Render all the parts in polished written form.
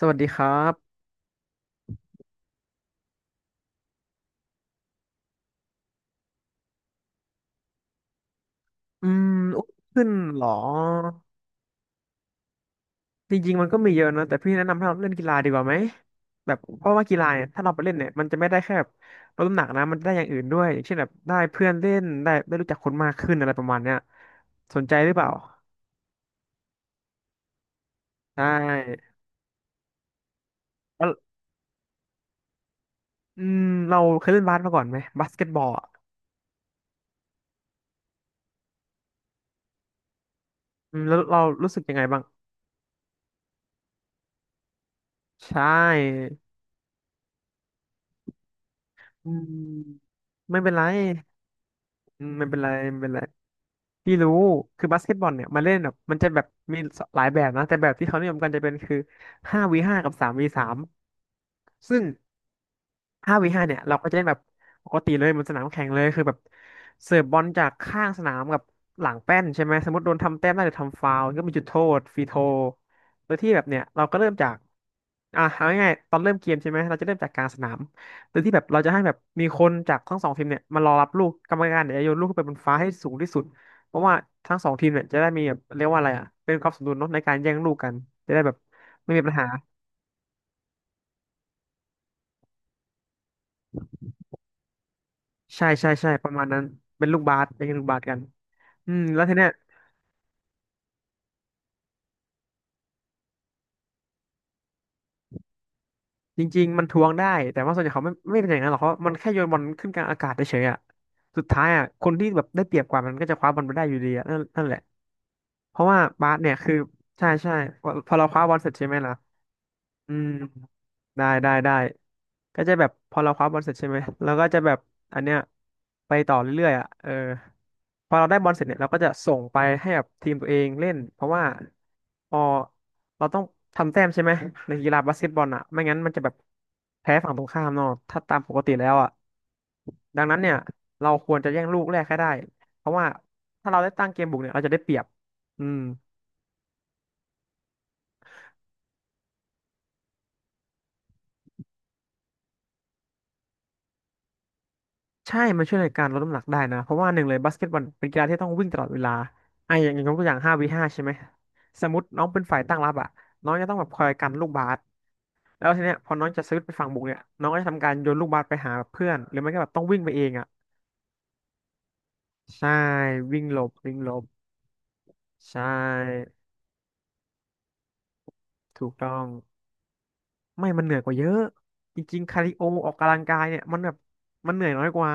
สวัสดีครับอืมอ้วนขึ้นเหรอจริงๆมันก็มีเยอะนะแต่พี่แนะนำให้เราเล่นกีฬาดีกว่าไหมแบบเพราะว่ากีฬาเนี่ยถ้าเราไปเล่นเนี่ยมันจะไม่ได้แค่แบบลดน้ำหนักนะมันได้อย่างอื่นด้วยอย่างเช่นแบบได้เพื่อนเล่นได้รู้จักคนมากขึ้นอะไรประมาณเนี้ยสนใจหรือเปล่าใช่แล้วอืมเราเคยเล่นบาสมาก่อนไหมบาสเกตบอลอะแล้วเรารู้สึกยังไงบ้างใช่อืมไม่เป็นไรไม่เป็นไรไม่เป็นไร พี่รู้คือบาสเกตบอลเนี่ยมันเล่นแบบมันจะแบบมีหลายแบบนะแต่แบบที่เขานิยมกันจะเป็นคือห้าวีห้ากับสามวีสามซึ่ง ห้าวีห้าเนี่ยเราก็จะเล่นแบบปกติเลยบนสนามแข่งเลยคือแบบเสิร์ฟบอลจากข้างสนามกับหลังแป้นใช่ไหมสมมติโดนทำแต้มได้หรือทำฟาวล์ก็มีจุดโทษฟรีโทโดยที่แบบเนี่ยเราก็เริ่มจากอ่ะเอาง่ายๆตอนเริ่มเกมใช่ไหมเราจะเริ่มจากกลางสนามโดยที่แบบเราจะให้แบบมีคนจากทั้งสองทีมเนี่ยมารอรับลูกกรรมการเดี่ยวจะโยนลูกขึ้นไปบนฟ้าให้สูงที่สุดเพราะว่าทั้งสองทีมเนี่ยจะได้มีแบบเรียกว่าอะไรอ่ะเป็นความสมดุลเนาะในการแย่งลูกกันจะได้แบบไม่มีปัญหา ใช่ใช่ใช่ประมาณนั้นเป็นลูกบาสเป็นลูกบาสกกันแล้วทีเนี้ยจริงๆมันทวงได้แต่ว่าส่วนใหญ่เขาไม่เป็นอย่างนั้นหรอกเพราะมันแค่โยนบอลขึ้นกลางอากาศเฉยๆอ่ะสุดท้ายอ่ะคนที่แบบได้เปรียบกว่ามันก็จะคว้าบอลไปได้อยู่ดีอะนั่นแหละเพราะว่าบาสเนี่ยคือใช่ใช่พอเราคว้าบอลเสร็จใช่ไหมล่ะอืม ได้ก็จะแบบพอเราคว้าบอลเสร็จใช่ไหมเราก็จะแบบอันเนี้ยไปต่อเรื่อยๆอ่ะเออพอเราได้บอลเสร็จเนี่ยเราก็จะส่งไปให้กับทีมตัวเองเล่นเพราะว่าพอเราต้องทำแต้มใช่ไหมในกีฬาบาสเกตบอลอ่ะไม่งั้นมันจะแบบแพ้ฝั่งตรงข้ามเนาะถ้าตามปกติแล้วอ่ะดังนั้นเนี่ยเราควรจะแย่งลูกแรกให้ได้เพราะว่าถ้าเราได้ตั้งเกมบุกเนี่ยเราจะได้เปรียบอืม ใช่ มันช่วยในการลดน้ำหนักได้นะ เพราะว่าหนึ่งเลยบาสเกตบอลเป็นกีฬาที่ต้องวิ่งตลอดเวลา ไอ้อย่างยกตัวอย่างห้าวีห้าใช่ไหม สมมติน้องเป็นฝ่ายตั้งรับอ่ะน้องจะต้องแบบคอยกันลูกบาสแล้วทีเนี้ยพอน้องจะซื้อไปฝั่งบุกเนี่ยน้องก็จะทำการโยนลูกบาสไปหาเพื่อน หรือไม่ก็แบบต้องวิ่งไปเองอ่ะใช่ วิ่งหลบวิ่งหลบใช่ถูกต้อง ไม่มันเหนื่อยกว่าเยอะ จริงๆคาร์ดิโอออกกำลังกายเนี่ยมันแบบมันเหนื่อยน้อยกว่า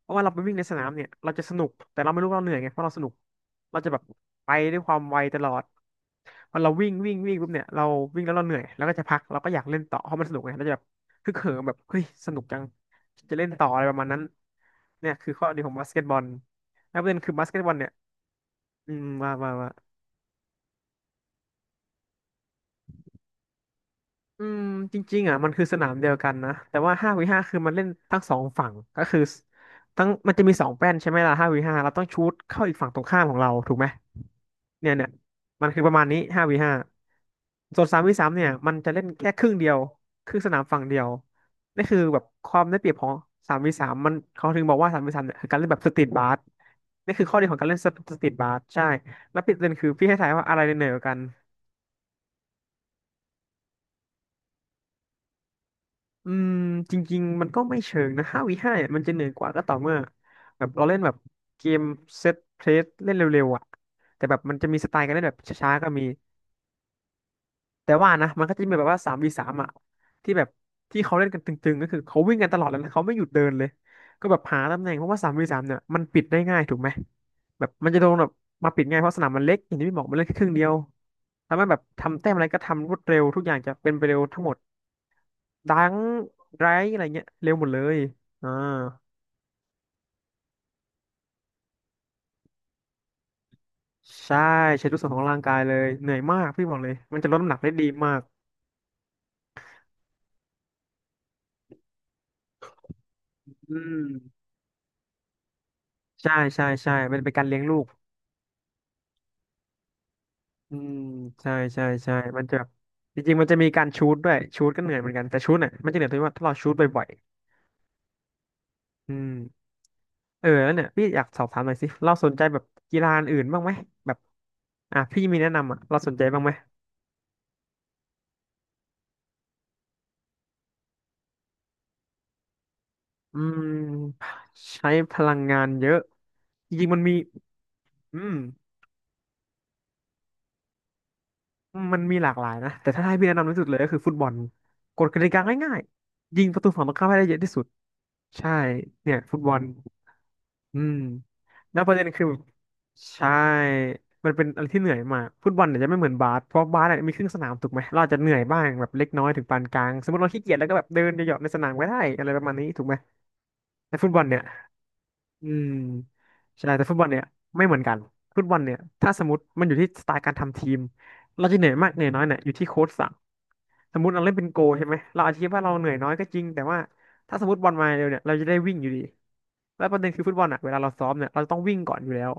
เพราะว่าเราไปวิ่งในสนามเนี่ยเราจะสนุกแต่เราไม่รู้ว่าเราเหนื่อยไงเพราะเราสนุกเราจะแบบไปด้วยความไวตลอดพอเราวิ่งวิ่งวิ่งปุ๊บเนี่ยเราวิ่งแล้วเราเหนื่อยแล้วก็จะพักเราก็อยากเล่นต่อเพราะมันสนุกไงเราจะแบบฮึกเหิมแบบเฮ้ยสนุกจังจะเล่นต่ออะไรประมาณนั้นเนี่ยคือข้อดีของบาสเกตบอลแล้วประเด็นคือบาสเกตบอลเนี่ยอืมมามามา อืมจริงๆอ่ะมันคือสนามเดียวกันนะแต่ว่าห้าวีห้าคือมันเล่นทั้งสองฝั่งก็คือทั้งมันจะมีสองแป้นใช่ไหมล่ะห้าวีห้าเราต้องชูตเข้าอีกฝั่งตรงข้ามของเราถูกไหมเนี่ยเนี่ยมันคือประมาณนี้ห้าวีห้าส่วนสามวีสามเนี่ยมันจะเล่นแค่ครึ่งเดียวครึ่งสนามฝั่งเดียวนี่คือแบบความได้เปรียบของสามวีสามมันเขาถึงบอกว่าสามวีสามเนี่ยคือการเล่นแบบสตรีทบาสนี่คือข้อดีของการเล่นสตรีทบาสใช่แล้วปิดเล่นคือพี่ให้ทายว่าอะไรเหนือกว่ากัน อืมจริงๆมันก็ไม่เชิงนะ5v5มันจะเหนื่อยกว่าก็ต่อเมื่อแบบเราเล่นแบบเกมเซตเพลสเล่นเร็วๆอ่ะแต่แบบมันจะมีสไตล์การเล่นแบบช้าๆก็มีแต่ว่านะมันก็จะมีแบบว่าสามวีสามอ่ะที่แบบที่เขาเล่นกันตึงๆก็คือเขาวิ่งกันตลอดแล้วนะเขาไม่หยุดเดินเลยก็แบบหาตำแหน่งเพราะว่าสามวีสามเนี่ยมันปิดได้ง่ายถูกไหมแบบมันจะโดนแบบมาปิดง่ายเพราะสนามมันเล็กอย่างที่พี่บอกมันเล่นแค่ครึ่งเดียวทำให้แบบทำแต้มอะไรก็ทำรวดเร็วทุกอย่างจะเป็นไปเร็วทั้งหมด ดังไรอะไรเงี้ยเร็วหมดเลยอ่าใช่ใช้ทุกส่วนของร่างกายเลยเหนื่อยมากพี่บอกเลยมันจะลดน้ำหนักได้ดีมากอืมใช่ใช่ใช่มันเป็นการเลี้ยงลูกอืมใช่ใช่ใช่มันจะแบบจริงๆมันจะมีการชูตด้วยชูตก็เหนื่อยเหมือนกันแต่ชูตเนี่ยมันจะเหนื่อยตรงที่ว่าถ้าเราชูตบ่อยๆอืมเออแล้วเนี่ยพี่อยากสอบถามหน่อยสิเราสนใจแบบกีฬาอื่นบ้างไหมแบบอ่ะพี่มีแนะนำอ่ะเราสนใจบ้างไหมอืมใช้พลังงานเยอะจริงๆมันมีอืม มันมีหลากหลายนะแต่ถ้าให้พี่แนะนำที่สุดเลยก็คือฟุตบอลกฎกติกาง่ายๆยิงประตูฝั่งตรงข้ามให้ได้เยอะที่สุดใช่เนี่ยฟุตบอลอืมแล้วประเด็นคือใช่มันเป็นอะไรที่เหนื่อยมากฟุตบอลเนี่ยจะไม่เหมือนบาสเพราะบาสเนี่ยมีครึ่งสนามถูกไหมเราอาจจะเหนื่อยบ้างแบบเล็กน้อยถึงปานกลางสมมติเราขี้เกียจแล้วก็แบบเดินเหยาะๆในสนามก็ได้อะไรประมาณนี้ถูกไหมแต่ฟุตบอลเนี่ยอืมใช่แต่ฟุตบอลเนี่ยไม่เหมือนกันฟุตบอลเนี่ยถ้าสมมติมันอยู่ที่สไตล์การทำทีมเราจะเหนื่อยมากเหนื่อยน้อยเนี่ยอยู่ที่โค้ชสั่ง สมมติเราเล่นเป็นโกลใช่ไหมเราอาจจะคิดว่าเราเหนื่อยน้อยก็จริงแต่ว่าถ้าสมมติบอลมาเร็วเนี่ยเราจะได้วิ่งอยู่ดีแล้วประเด็นคือฟุตบอลอ่ะเวลาเราซ้อมเนี่ยเราต้องวิ่งก่อนอยู่แล้ว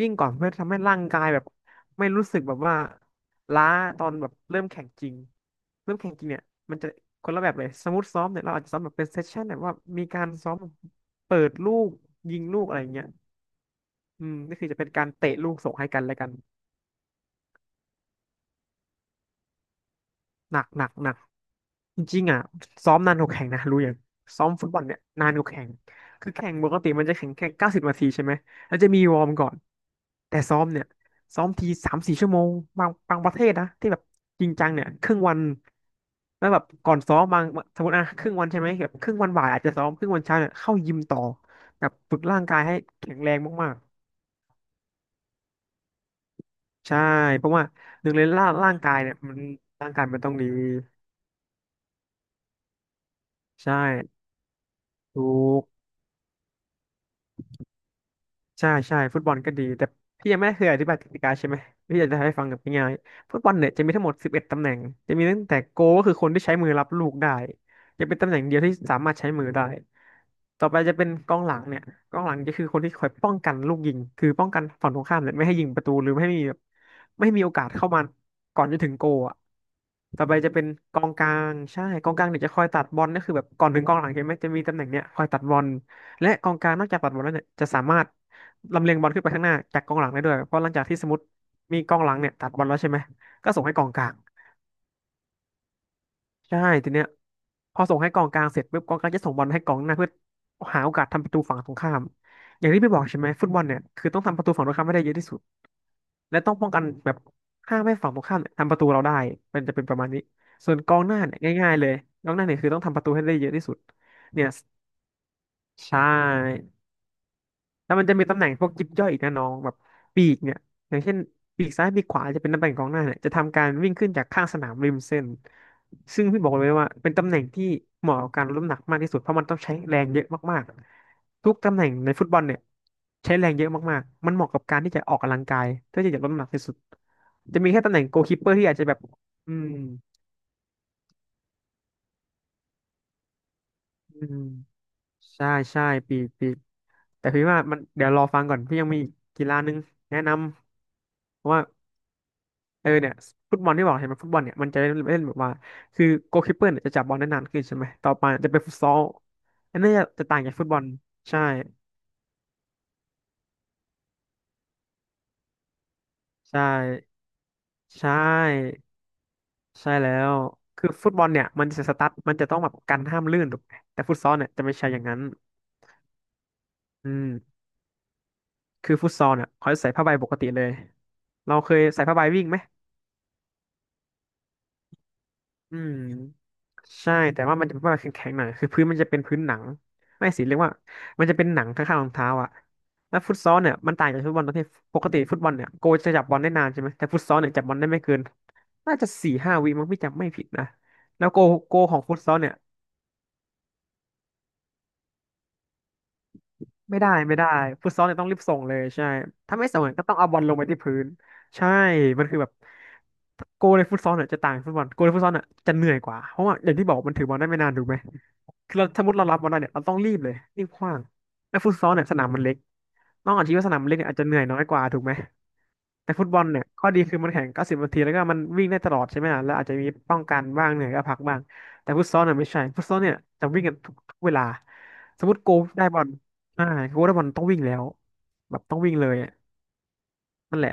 วิ่งก่อนเพื่อทำให้ร่างกายแบบไม่รู้สึกแบบว่าล้าตอนแบบเริ่มแข่งจริงเริ่มแข่งจริงเนี่ยมันจะคนละแบบเลยสมมติซ้อมเนี่ยเราอาจจะซ้อมแบบเป็นเซสชั่นแบบว่ามีการซ้อมเปิดลูกยิงลูกอะไรอย่างเงี้ยอืมนี่คือจะเป็นการเตะลูกส่งให้กันและกันหนักหนักหนัก จริงๆอ่ะซ้อมนานกว่าแข่งนะรู้อย่างซ้อมฟุตบอลเนี่ยนานกว่าแข่งคือแข่งปกติมันจะแข่งแค่90 นาทีใช่ไหมแล้วจะมีวอร์มก่อนแต่ซ้อมเนี่ยซ้อมที3-4 ชั่วโมงบางบางประเทศนะที่แบบจริงจังเนี่ยครึ่งวันแล้วแบบก่อนซ้อมบางสมมติอ่ะครึ่งวันใช่ไหมแบบครึ่งวันบ่ายอาจจะซ้อมครึ่งวันเช้าเนี่ยเข้ายิมต่อแบบฝึกร่างกายให้แข็งแรงมากๆใช่เพราะว่าหนึ่งเลยร่างกายเนี่ยมันร่างกายมันต้องดีใช่ถู ใช่ใช่ฟุตบอลก็ดีแต่พี่ยังไม่เคยอธิบายกติกาใช่ไหมพี่อยากจะให้ฟังแบบง่ายๆฟุตบอลเนี่ยจะมีทั้งหมด11 ตำแหน่งจะมีตั้งแต่โกลก็คือคนที่ใช้มือรับลูกได้จะเป็นตำแหน่งเดียวที่สามารถใช้มือได้ต่อไปจะเป็นกองหลังเนี่ยกองหลังก็คือคนที่คอยป้องกันลูกยิงคือป้องกันฝั่งตรงข้ามเนี่ยไม่ให้ยิงประตูหรือไม่ให้มีแบบไม่ให้มีโอกาสเข้ามาก่อนจะถึงโกลอ่ะต่อไปจะเป็นกองกลางใช่กองกลางเนี่ยจะคอยตัดบอลก็คือแบบก่อนถึงกองหลังเห็นไหมจะมีตำแหน่งเนี่ยคอยตัดบอลและกองกลางนอกจากปัดบอลแล้วเนี่ยจะสามารถ ลำเลียงบอลขึ้นไปข้างหน้าจากกองหลังได้ด้วยเพราะหลังจากที่สมมติมีกองหลังเนี่ยตัดบอลแล้วใช่ไหมก็ส่งให้กองกลางใช่ทีเนี้ยพอส่งให้กองกลางเสร็จปุ๊บกองกลางจะส่งบอลให้กองหน้าเพื่อหาโอกาสทำประตูฝั่งตรงข้ามอย่างที่พี่บอกใช่ไหมฟุตบอลเนี่ยคือต้องทำประตูฝั่งตรงข้ามให้ได้เยอะที่สุดและต้องป้องกันแบบห้ามให้ฝั่งตรงข้ามเนี่ยทำประตูเราได้เป็นจะเป็นประมาณนี้ส่วนกองหน้าเนี่ยง่ายๆเลยกองหน้าเนี่ยคือต้องทำประตูให้ได้เยอะที่สุดเนี่ยใช่ แล้วมันจะมีตำแหน่งพวกยิบย่อยอีกนะน้องแบบปีกเนี่ยอย่างเช่นปีกซ้ายปีกขวาจะเป็นตำแหน่งกองหน้าเนี่ยจะทำการวิ่งขึ้นจากข้างสนามริมเส้นซึ่งพี่บอกเลยว่าเป็นตำแหน่งที่เหมาะกับการรับน้ำหนักมากที่สุดเพราะมันต้องใช้แรงเยอะมากๆทุกตำแหน่งในฟุตบอลเนี่ยใช้แรงเยอะมากๆมันเหมาะกับการที่จะออกกำลังกายเพื่อที่จะลดน้ำหนักที่สุดจะมีแค่ตำแหน่งโกลคีปเปอร์ที่อาจจะแบบอืมอืมใช่ใช่ปีกปีกแต่พี่ว่ามันเดี๋ยวรอฟังก่อนพี่ยังมีอีกกีฬานึงแนะนำว่า เออเนี่ยฟุตบอลที่บอกเห็นไหมฟุตบอลเนี่ยมันจะเล่นเล่นแบบว่าคือโกลคีปเปอร์เนี่ยจะจับบอลได้นานขึ้นใช่ไหมต่อไปจะเป็นฟุตซอลอันนี้จะต่างจากฟุตบอลใช่ใช่ใช่ใช่แล้วคือฟุตบอลเนี่ยมันจะสตั๊ดมันจะต้องแบบกันห้ามลื่นถูกไหมแต่ฟุตซอลเนี่ยจะไม่ใช่อย่างนั้นอืมคือฟุตซอลเนี่ยเขาจะใส่ผ้าใบปกติเลยเราเคยใส่ผ้าใบวิ่งไหม อืมใช่แต่ว่ามันจะเป็นว่าแข็งๆหน่อยคือพื้นมันจะเป็นพื้นหนังไม่สิเรียกว่ามันจะเป็นหนังข้างๆรองเท้าอ่ะแล้วฟุตซอลเนี่ยมันต่างจากฟุตบอลตรงที่ปกติฟุตบอลเนี่ยโกจะจับบอลได้นานใช่ไหมแต่ฟุตซอลเนี่ยจับบอลได้ไม่เกินน่าจะ4-5 วิมั้งพี่จำไม่ผิดนะแล้วโกของฟุตซอลเนี่ยไม่ได้ไม่ได้ฟุตซอลเนี่ยต้องรีบส่งเลยใช่ถ้าไม่ส่งเนี่ยก็ต้องเอาบอลลงไปที่พื้นใช่มันคือแบบโกในฟุตซอลเนี่ยจะต่างจากฟุตบอลโกในฟุตซอลเนี่ยจะเหนื่อยกว่าเพราะว่าอย่างที่บอกมันถือบอลได้ไม่นานถูกไหม คือเราสมมติเรารับบอลได้เนี่ยเราต้องรีบเลยรีบขว้างแต่ฟุตซอลเนี่ยสนามมันเล็กน้องอาจจะคิดว่าสนามมันเล็กเนี่ยอาจจะเหนื่อยน้อยกว่าถูกไหมแต่ฟุตบอลเนี่ยข้อดีคือมันแข่ง90 นาทีแล้วก็มันวิ่งได้ตลอดใช่ไหมล่ะแล้วอาจจะมีป้องกันบ้างเหนื่อยก็พักบ้างแต่ฟุตซอลเนี่ยไม่ใช่ฟุตซอลเนี่ยจะวิ่งกันทุกเวลาสมมติโกได้บอลอ่าโกได้บอลต้องวิ่งแล้วแบบต้องวิ่งเลยอะนั่นแหละ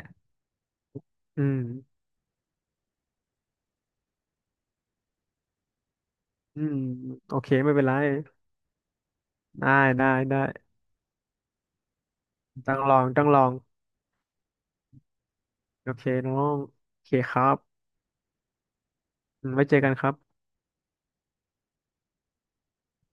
อืมอืมโอเคไม่เป็นไรได้ได้ได้ต้องลองต้องลองโอเคน้องโอเคครับอืมไว้เจอกันครับ